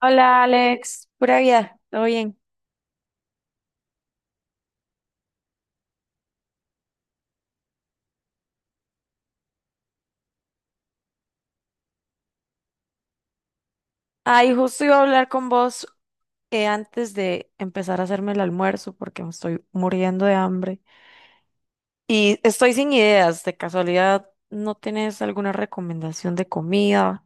Hola Alex, pura vida, ¿todo bien? Ay, justo iba a hablar con vos antes de empezar a hacerme el almuerzo porque me estoy muriendo de hambre y estoy sin ideas. De casualidad, ¿no tienes alguna recomendación de comida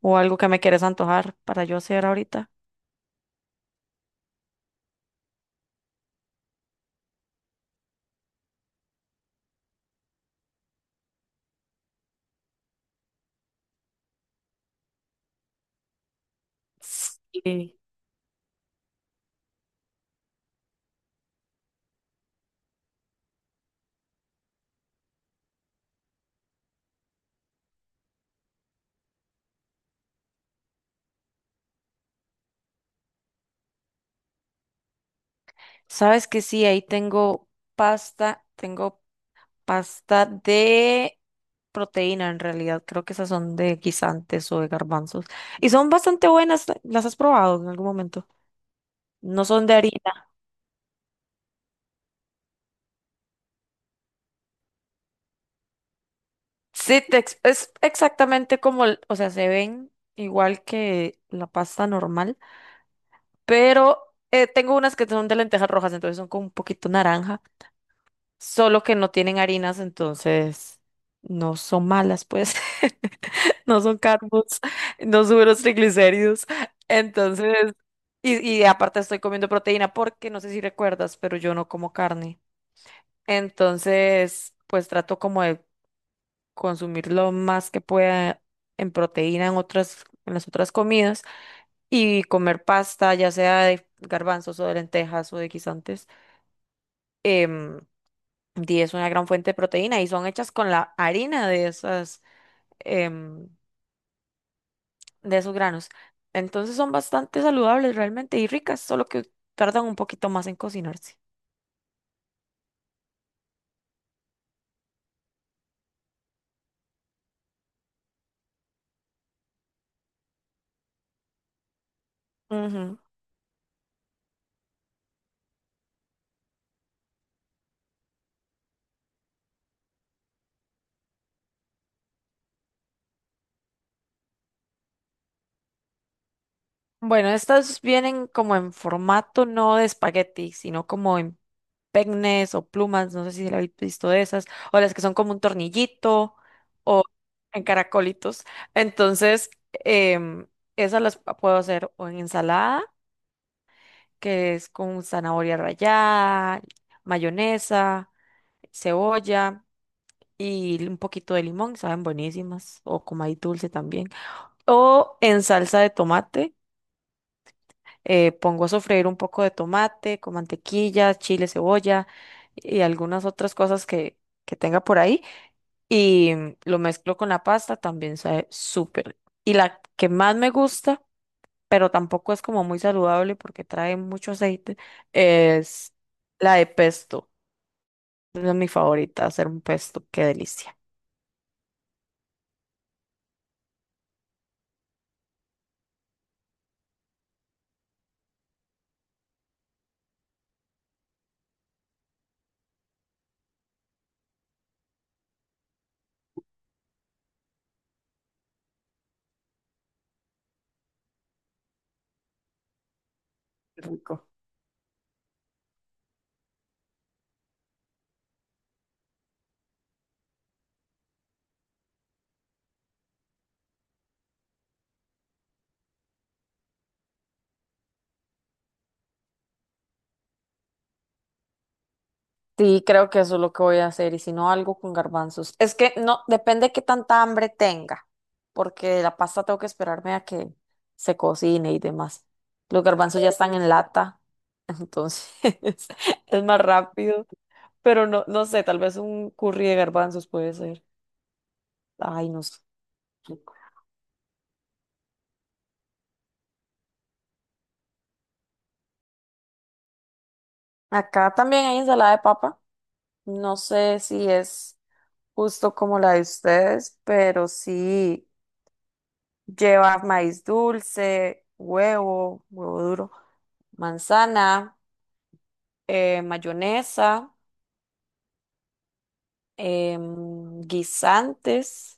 o algo que me quieres antojar para yo hacer ahorita? Sí. Sabes que sí, ahí tengo pasta, tengo pasta de proteína, en realidad. Creo que esas son de guisantes o de garbanzos. Y son bastante buenas. ¿Las has probado en algún momento? No son de harina. Sí, es exactamente como, o sea, se ven igual que la pasta normal, pero tengo unas que son de lentejas rojas, entonces son con un poquito naranja, solo que no tienen harinas, entonces no son malas, pues. No son carbos, no suben los triglicéridos. Entonces, y aparte estoy comiendo proteína porque no sé si recuerdas, pero yo no como carne. Entonces, pues trato como de consumir lo más que pueda en proteína en otras, en las otras comidas y comer pasta, ya sea de garbanzos o de lentejas o de guisantes. em, y es una gran fuente de proteína y son hechas con la harina de esas, em, de esos granos. Entonces son bastante saludables realmente y ricas, solo que tardan un poquito más en cocinarse. Ujú. Bueno, estas vienen como en formato no de espagueti, sino como en peines o plumas, no sé si la habéis visto de esas, o las que son como un tornillito o en caracolitos. Entonces, em, esas puedo hacer o en ensalada, que es con zanahoria rallada, mayonesa, cebolla, y un poquito de limón, saben buenísimas, o con maíz dulce también. O en salsa de tomate. Pongo a sofreír un poco de tomate con mantequilla, chile, cebolla y algunas otras cosas que tenga por ahí y mm, lo mezclo con la pasta, también sabe súper. Y la que más me gusta, pero tampoco es como muy saludable porque trae mucho aceite, es la de pesto. Esa es mi favorita, hacer un pesto, qué delicia. Rico. Sí, creo que eso es lo que voy a hacer, y si no, algo con garbanzos. Es que no, depende qué tanta hambre tenga, porque de la pasta tengo que esperarme a que se cocine y demás. Los garbanzos ya están en lata, entonces es más rápido, pero no, no sé, tal vez un curry de garbanzos puede ser. Ay, no sé. Acá también hay ensalada de papa. No sé si es justo como la de ustedes, pero sí. Lleva maíz dulce, huevo, huevo duro, manzana, mayonesa, guisantes.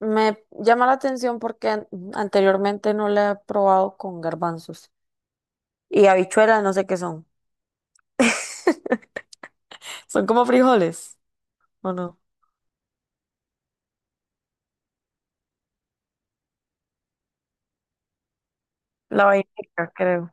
Me llama la atención porque anteriormente no la he probado con garbanzos. Y habichuelas, no sé qué son. Son como frijoles, ¿o no? La vainilla, creo.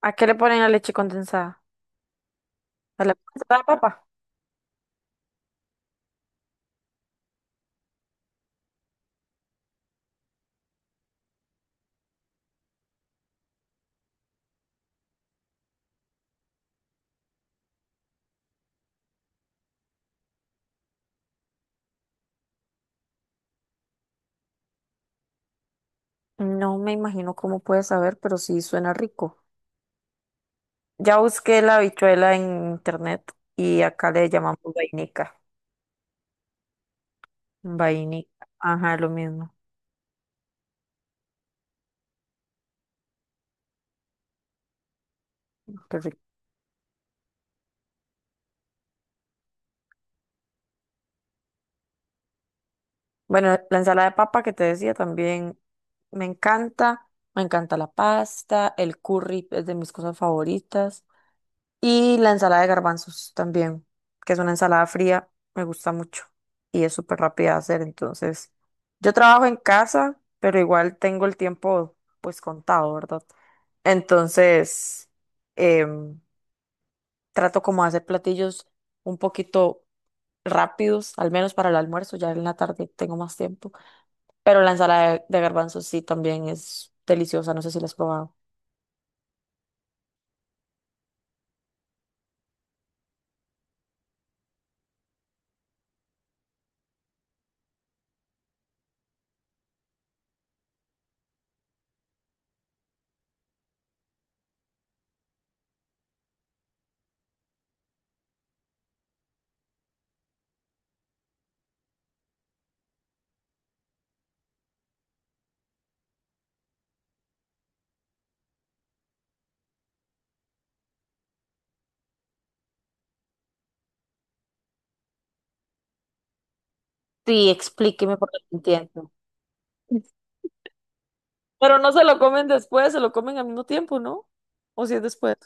¿A qué le ponen la leche condensada? ¿A la, a la papa? No me imagino cómo puede saber, pero sí suena rico. Ya busqué la habichuela en internet y acá le llamamos vainica. Vainica. Ajá, lo mismo. Qué rico. Bueno, la ensalada de papa que te decía también me encanta. Me encanta la pasta, el curry es de mis cosas favoritas. Y la ensalada de garbanzos también, que es una ensalada fría, me gusta mucho y es súper rápida de hacer. Entonces, yo trabajo en casa, pero igual tengo el tiempo pues contado, ¿verdad? Entonces, em, trato como de hacer platillos un poquito rápidos, al menos para el almuerzo, ya en la tarde tengo más tiempo. Pero la ensalada de garbanzos sí también es deliciosa, no sé si la has probado. Sí, explíqueme porque no entiendo. Pero no se lo comen después, se lo comen al mismo tiempo, ¿no? O si es después.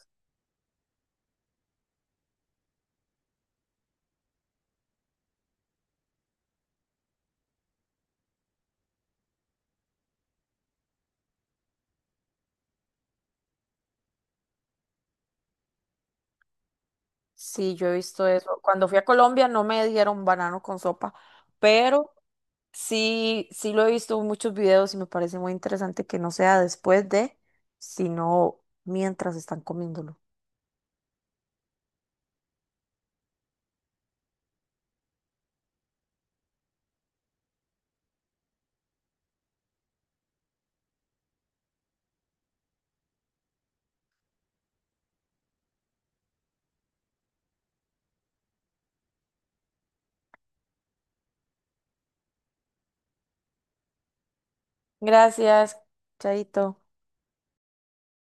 Sí, yo he visto eso. Cuando fui a Colombia no me dieron banano con sopa, pero sí, sí lo he visto en muchos videos y me parece muy interesante que no sea después de, sino mientras están comiéndolo. Gracias, chaito.